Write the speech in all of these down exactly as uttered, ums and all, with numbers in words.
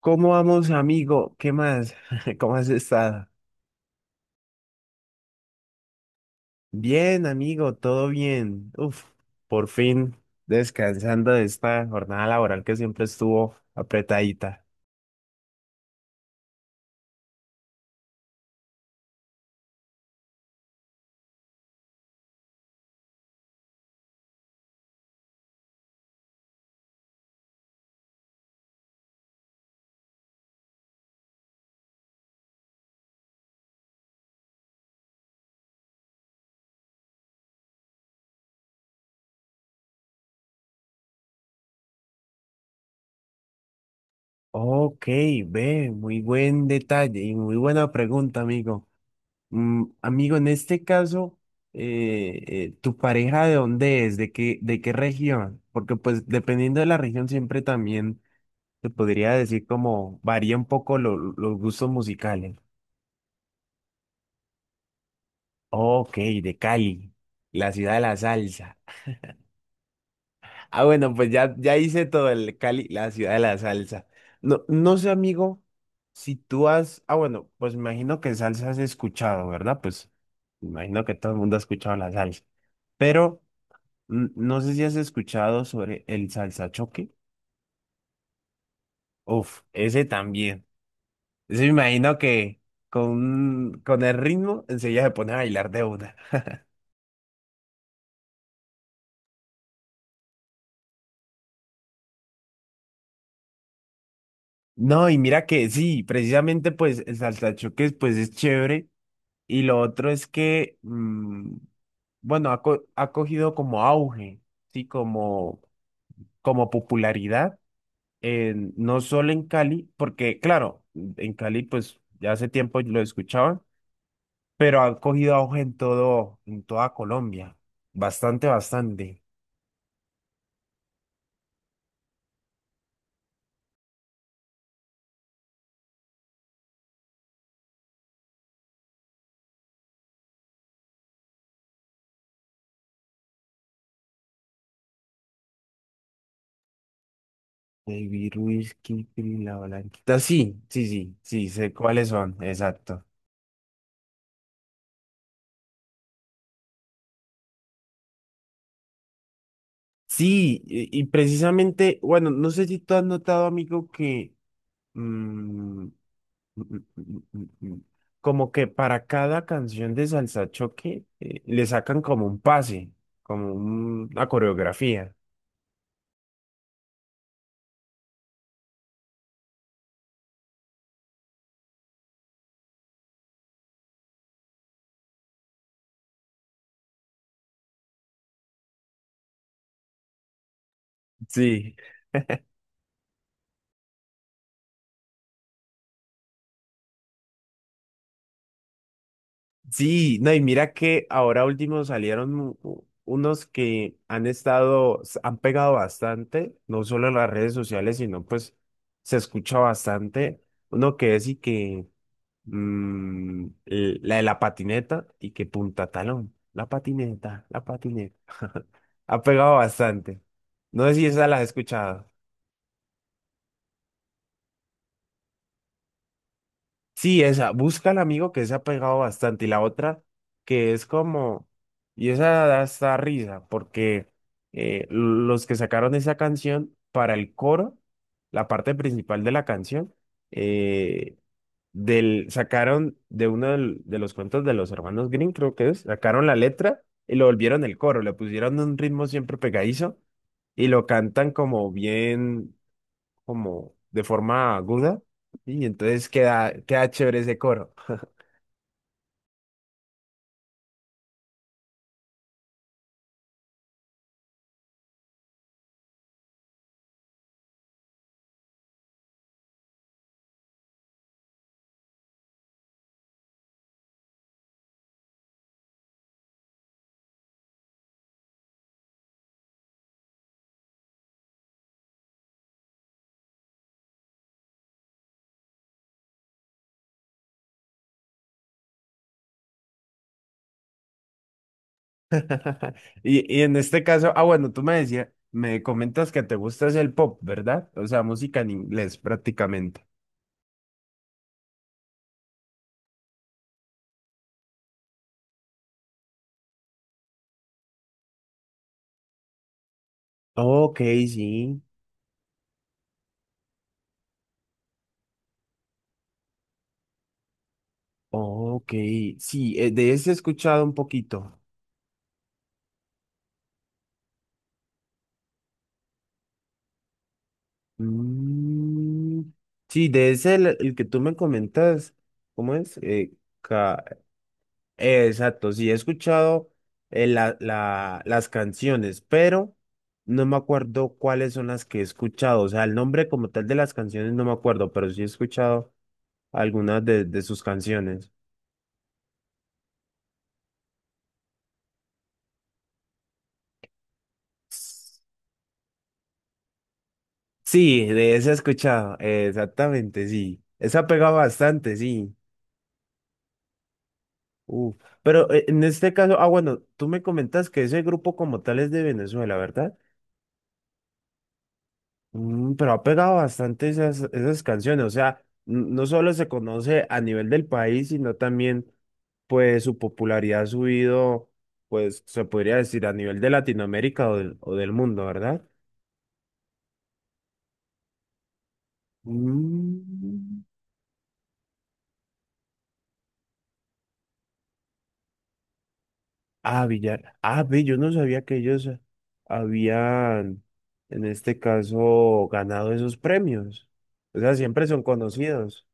¿Cómo vamos, amigo? ¿Qué más? ¿Cómo has estado? Bien, amigo, todo bien. Uf, por fin descansando de esta jornada laboral que siempre estuvo apretadita. Ok, ve, muy buen detalle y muy buena pregunta, amigo. Mm, amigo, en este caso, eh, eh, ¿tu pareja de dónde es? ¿De qué, de qué región? Porque pues dependiendo de la región siempre también te podría decir como varía un poco lo- los gustos musicales. Ok, de Cali, la ciudad de la salsa. Ah, bueno, pues ya, ya hice todo el Cali, la ciudad de la salsa. No, no sé, amigo, si tú has... Ah, bueno, pues me imagino que salsa has escuchado, ¿verdad? Pues me imagino que todo el mundo ha escuchado la salsa. Pero mm, no sé si has escuchado sobre el salsa choque. Uf, ese también. Ese me imagino que con, con el ritmo enseguida se pone a bailar de una. No, y mira que sí, precisamente pues el saltachoques pues es chévere y lo otro es que, mm, bueno, ha, co- ha cogido como auge, sí, como, como popularidad, en- no solo en Cali, porque claro, en Cali pues ya hace tiempo lo escuchaban, pero ha cogido auge en todo, en toda Colombia, bastante, bastante. Baby Ruiz, Kikri, La Blanquita, sí, sí, sí, sí, sé cuáles son, exacto. Sí, y y precisamente, bueno, no sé si tú has notado, amigo, que mm, mm, mm, mm, mm, mm, como que para cada canción de salsa choque eh, le sacan como un pase, como un- una coreografía. Sí, sí, no, y mira que ahora último salieron u- u- unos que han estado, s- han pegado bastante, no solo en las redes sociales, sino pues se escucha bastante. Uno que es y que Mm, eh, la de la patineta y que punta talón. La patineta, la patineta. Ha pegado bastante. No sé si esa la has escuchado. Sí, esa, busca al amigo que se ha pegado bastante. Y la otra, que es como, y esa da hasta risa, porque eh, los que sacaron esa canción para el coro, la parte principal de la canción, eh, del, sacaron de uno del- de los cuentos de los hermanos Green, creo que es, sacaron la letra y lo volvieron el coro, le pusieron un ritmo siempre pegadizo y lo cantan como bien como de forma aguda y entonces queda, queda chévere ese coro. Y, y en este caso, ah, bueno, tú me decías, me comentas que te gusta es el pop, ¿verdad? O sea, música en inglés prácticamente. Ok, sí. Ok, sí, eh, de ese he escuchado un poquito. Mm, sí, de ese el, el que tú me comentas, ¿cómo es? Eh, Eh, Exacto, sí, he escuchado eh, la- la- las canciones, pero no me acuerdo cuáles son las que he escuchado. O sea, el nombre como tal de las canciones no me acuerdo, pero sí he escuchado algunas de, de sus canciones. Sí, de esa he escuchado, eh, exactamente, sí. Esa pega bastante, sí. Uf. Pero eh, en este caso, ah, bueno, tú me comentas que ese grupo como tal es de Venezuela, ¿verdad? Mm, pero ha pegado bastante esas, esas canciones, o sea, n- no solo se conoce a nivel del país, sino también, pues, su popularidad ha subido, pues, se podría decir a nivel de Latinoamérica o del, o del mundo, ¿verdad? Mm. Ah, Villar. Ah, ve, yo no sabía que ellos habían, en este caso, ganado esos premios. O sea, siempre son conocidos.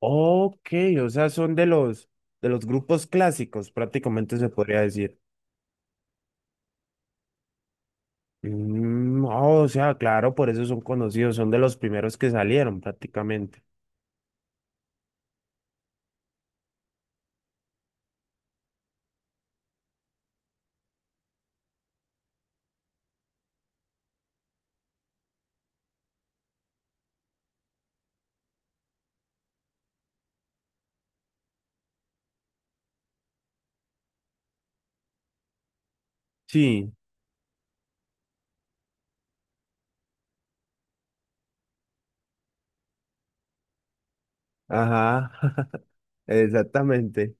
Ok, o sea, son de los, de los grupos clásicos, prácticamente se podría decir. Mm, oh, o sea, claro, por eso son conocidos, son de los primeros que salieron prácticamente. Sí, ajá, exactamente.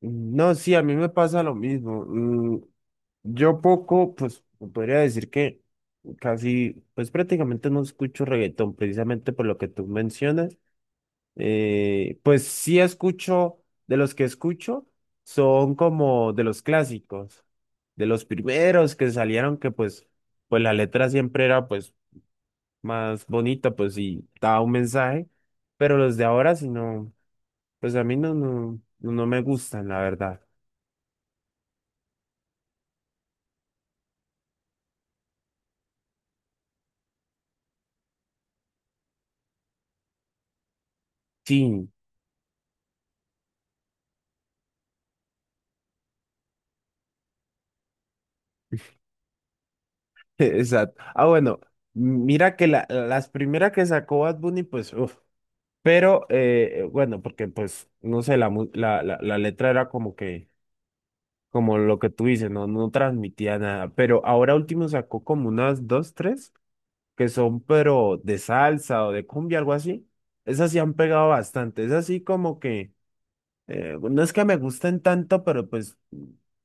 No, sí, a mí me pasa lo mismo. Mm, yo poco, pues podría decir que casi, pues prácticamente no escucho reggaetón, precisamente por lo que tú mencionas. Eh, pues sí escucho, de los que escucho, son como de los clásicos, de los primeros que salieron, que pues, pues la letra siempre era pues más bonita, pues y daba un mensaje, pero los de ahora sí no, pues a mí no, no, no no me gustan, la verdad. Sí, exacto. Ah, bueno, mira que la, las primeras que sacó Bad Bunny, pues, uff, pero eh, bueno, porque pues, no sé, la, mu- la, la la letra era como que como lo que tú dices, no, no transmitía nada, pero ahora último sacó como unas dos, tres, que son pero de salsa o de cumbia, algo así. Esas sí han pegado bastante, es así como que, eh, no es que me gusten tanto, pero pues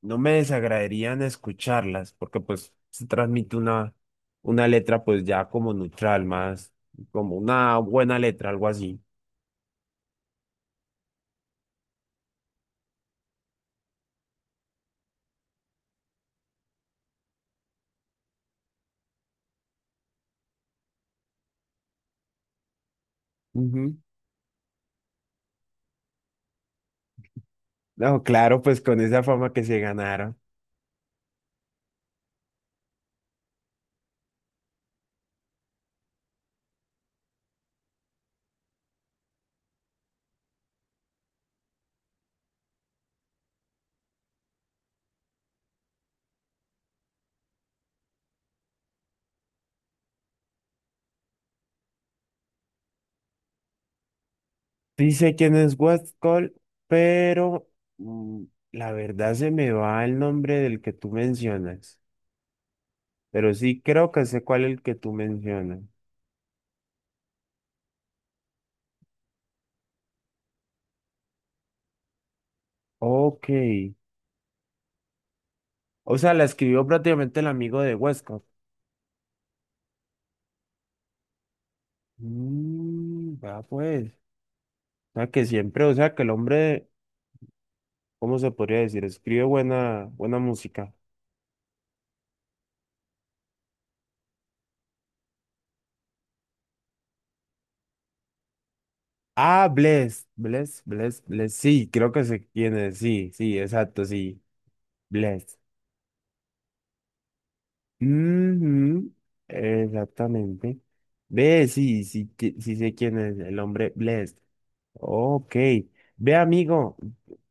no me desagradarían escucharlas, porque pues se transmite una, una letra pues ya como neutral, más como una buena letra, algo así. Ujú. No, claro, pues con esa fama que se ganaron. Sí sé quién es Westcol, pero mm, la verdad se me va el nombre del que tú mencionas. Pero sí creo que sé cuál es el que tú mencionas. Ok. O sea, la escribió prácticamente el amigo de Westcol. Mm, va pues. O sea, que siempre, o sea, que el hombre, ¿cómo se podría decir? Escribe buena, buena música. Ah, Bless, Bless, Bless, Bless. Sí, creo que sé quién es. Sí, sí, exacto, sí. Bless. Ujú, exactamente. Ve, sí, sí, que- sí sé quién es el hombre Blessed. Ok. Ve, amigo,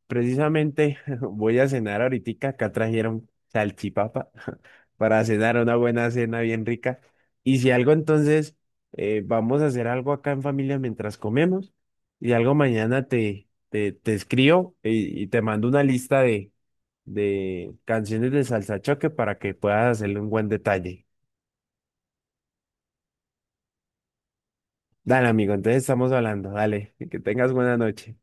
precisamente voy a cenar ahorita. Acá trajeron salchipapa para cenar una buena cena bien rica. Y si algo, entonces, eh, vamos a hacer algo acá en familia mientras comemos. Y algo mañana te, te, te escribo y, y te mando una lista de de canciones de salsa choque para que puedas hacerle un buen detalle. Dale, amigo, entonces estamos hablando. Dale, que tengas buena noche.